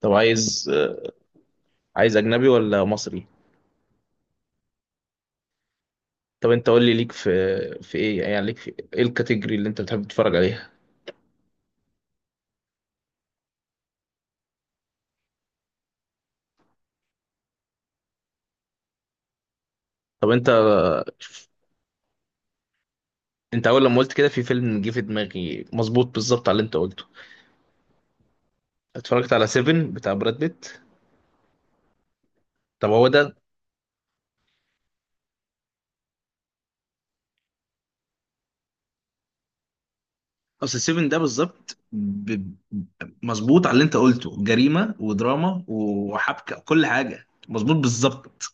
طب عايز. عايز اجنبي ولا مصري؟ طب انت قول لي ليك في، في ايه يعني ليك في ايه الكاتيجوري اللي انت بتحب تتفرج عليها؟ طب انت انت اول لما قلت كده في فيلم جه في دماغي مظبوط، بالظبط على اللي انت قلته. اتفرجت على 7 بتاع براد بيت. طب هو ده. اصل 7 ده بالظبط ب... مظبوط على اللي انت قلته، جريمة ودراما وحبكة، كل حاجة مظبوط بالظبط.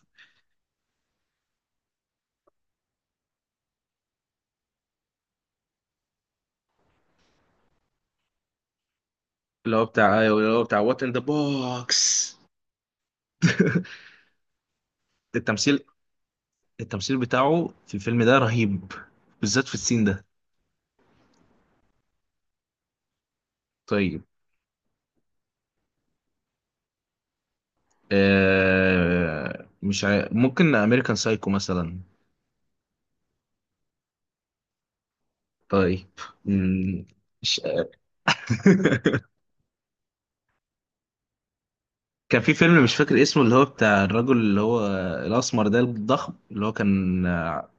اللي هو بتاع وات ان ذا بوكس. التمثيل التمثيل بتاعه في الفيلم ده رهيب، بالذات في السين ده. طيب. آه، مش عارف، ممكن امريكان سايكو مثلا. طيب. مم، مش كان في فيلم مش فاكر اسمه، اللي هو بتاع الرجل اللي هو الاسمر ده الضخم اللي هو كان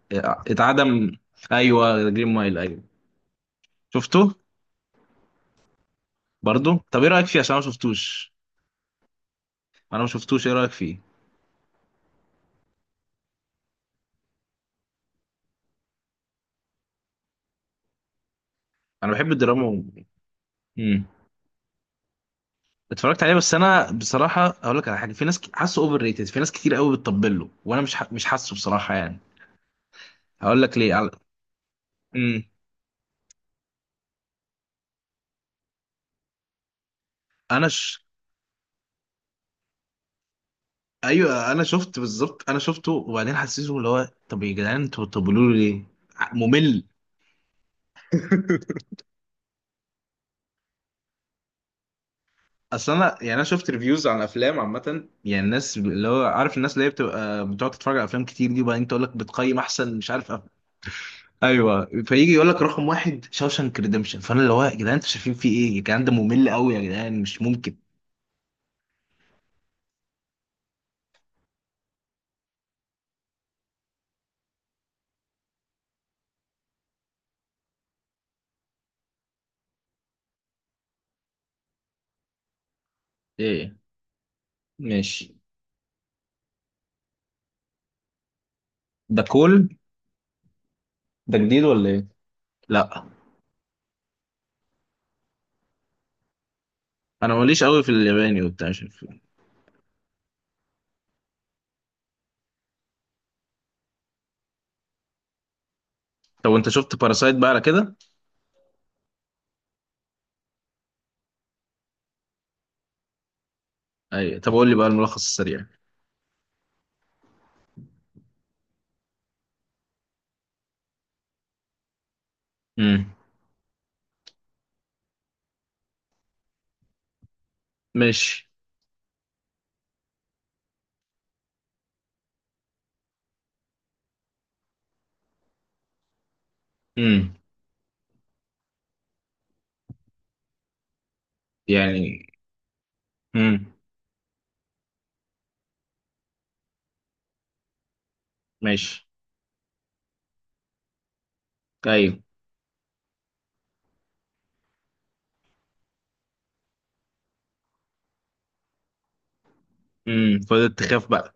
اتعدم. ايوه، جرين مايل، ايوه، شفته. برضو طب ايه رايك فيه؟ عشان انا ما شفتوش. انا ما شفتوش، ايه رايك فيه؟ انا بحب الدراما و... مم. اتفرجت عليه، بس انا بصراحه اقول لك على حاجه، في ناس حاسه اوفر ريتد، في ناس كتير قوي بتطبل له، وانا مش مش حاسه بصراحه يعني. هقول لك ليه. امم. انا ش... ايوه انا شفت بالظبط، انا شفته وبعدين حسيته، اللي هو طب يا جدعان انتوا بتقولوا لي ليه؟ ممل. اصل انا يعني انا شفت ريفيوز عن افلام عامه، يعني الناس اللي هو عارف، الناس اللي هي بتبقى بتقعد تتفرج على افلام كتير دي، وبعدين تقول لك بتقيم احسن، مش عارف أف... ايوه، فيجي يقول لك رقم واحد شاوشانك ريدمشن، فانا اللي هو يا جدعان انتوا شايفين فيه ايه؟ الكلام ده ممل قوي يا جدعان، مش ممكن. ايه. ماشي. ده كول. ده جديد ولا ايه؟ لا. انا ماليش قوي في الياباني وبتاع مش عارف. طب وانت شفت باراسايت بقى على كده؟ اي، طب قول لي بقى الملخص السريع. امم. ماشي. امم. يعني. امم. ماشي. ايوه. امم، فضلت تخاف بقى.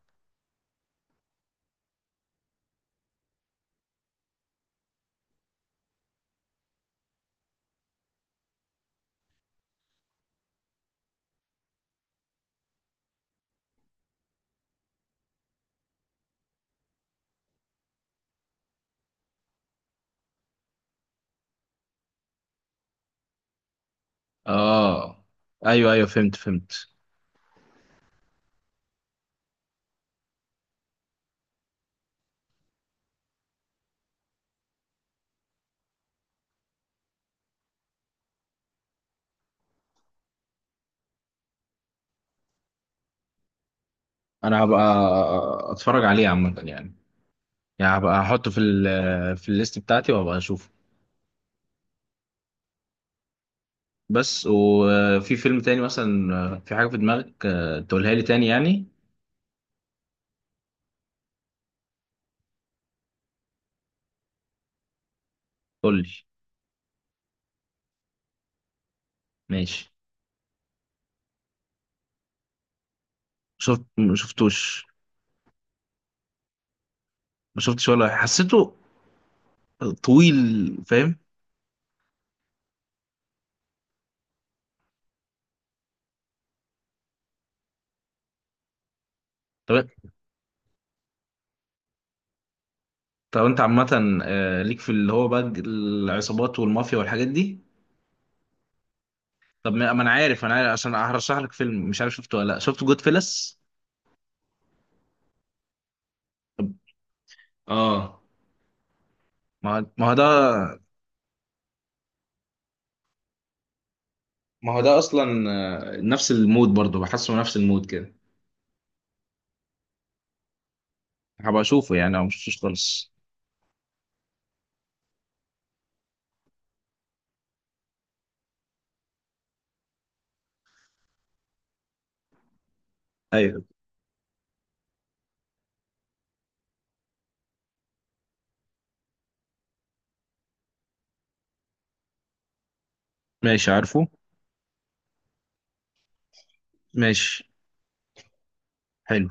اه. ايوه ايوه، فهمت فهمت. انا هبقى اتفرج عليه عامه يعني. يعني هبقى احطه في ال في الليست بتاعتي وهبقى اشوفه. بس وفي فيلم تاني مثلا، في حاجه في دماغك تقولها لي تاني يعني. قول لي. ماشي. شفت ما شفتوش. ما شفتش ولا حسيته. طويل. فاهم. طب طب انت عامة ليك في اللي هو بقى العصابات والمافيا والحاجات دي؟ طب ما انا عارف، انا عارف، عشان هرشح لك فيلم مش عارف شفته ولا لا، شفت جود فيلس؟ اه. ما هو ده اصلا نفس المود، برضه بحسه نفس المود كده. هبقى اشوفه يعني او مشفتوش خالص. ايوه. ماشي، عارفه. ماشي، حلو.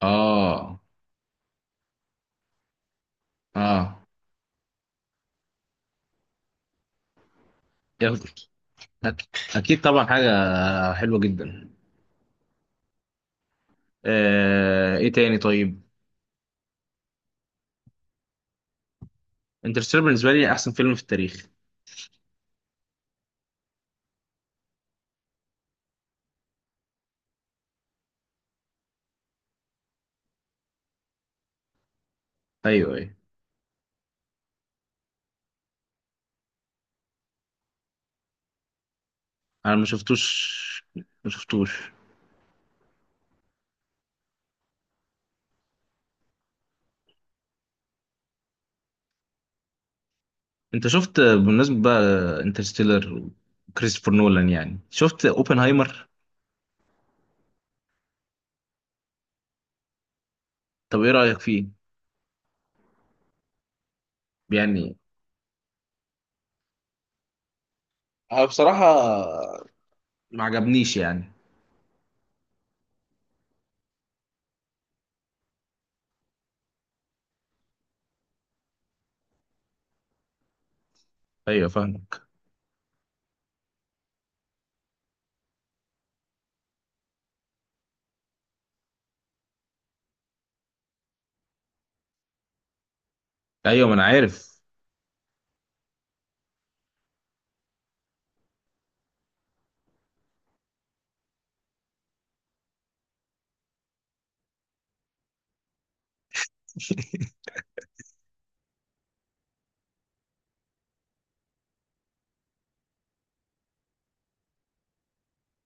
اه. اه. يلا. اكيد طبعا، حاجة حلوة جدا. ايه تاني طيب؟ انترستيلر بالنسبة لي احسن فيلم في التاريخ. ايوه ايوه. انا ما شفتوش، ما شفتوش. انت شفت بالنسبه بقى انترستيلر وكريستوفر نولان، يعني شفت اوبنهايمر؟ طب ايه رايك فيه يعني؟ أنا بصراحه ما عجبنيش يعني. ايوه فاهمك. ايوه ما انا عارف.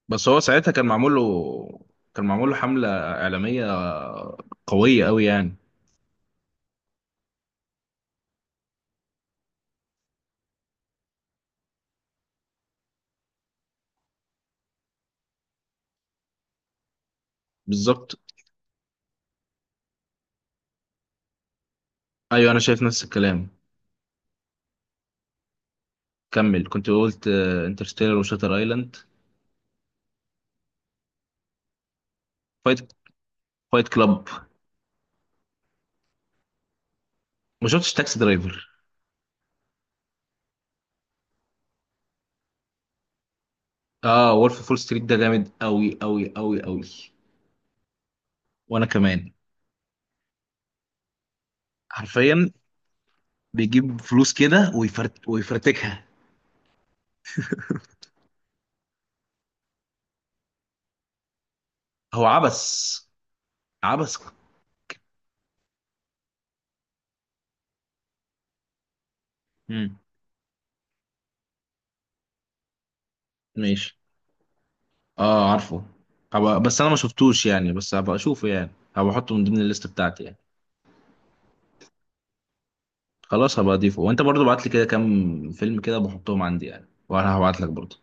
بس هو ساعتها كان معمول له، كان معمول له حمله اعلاميه قويه قوي يعني. بالظبط. ايوه انا شايف نفس الكلام. كمل كنت قلت. انترستيلر وشاتر ايلاند. فايت، فايت كلاب. ما شفتش تاكسي درايفر. اه، وولف فول ستريت ده جامد قوي قوي قوي قوي. وانا كمان. حرفيا. بيجيب فلوس كده ويفرت ويفرتكها. هو عبس، عبس. امم. ماشي. اه، عارفه. هبقى، بس انا ما شفتوش يعني، بس هبقى اشوفه يعني. هبقى احطه من ضمن الليست بتاعتي يعني. خلاص هبقى اضيفه، وانت برضو بعت لي كده كام فيلم كده بحطهم عندي يعني، وانا هبعت لك برضو.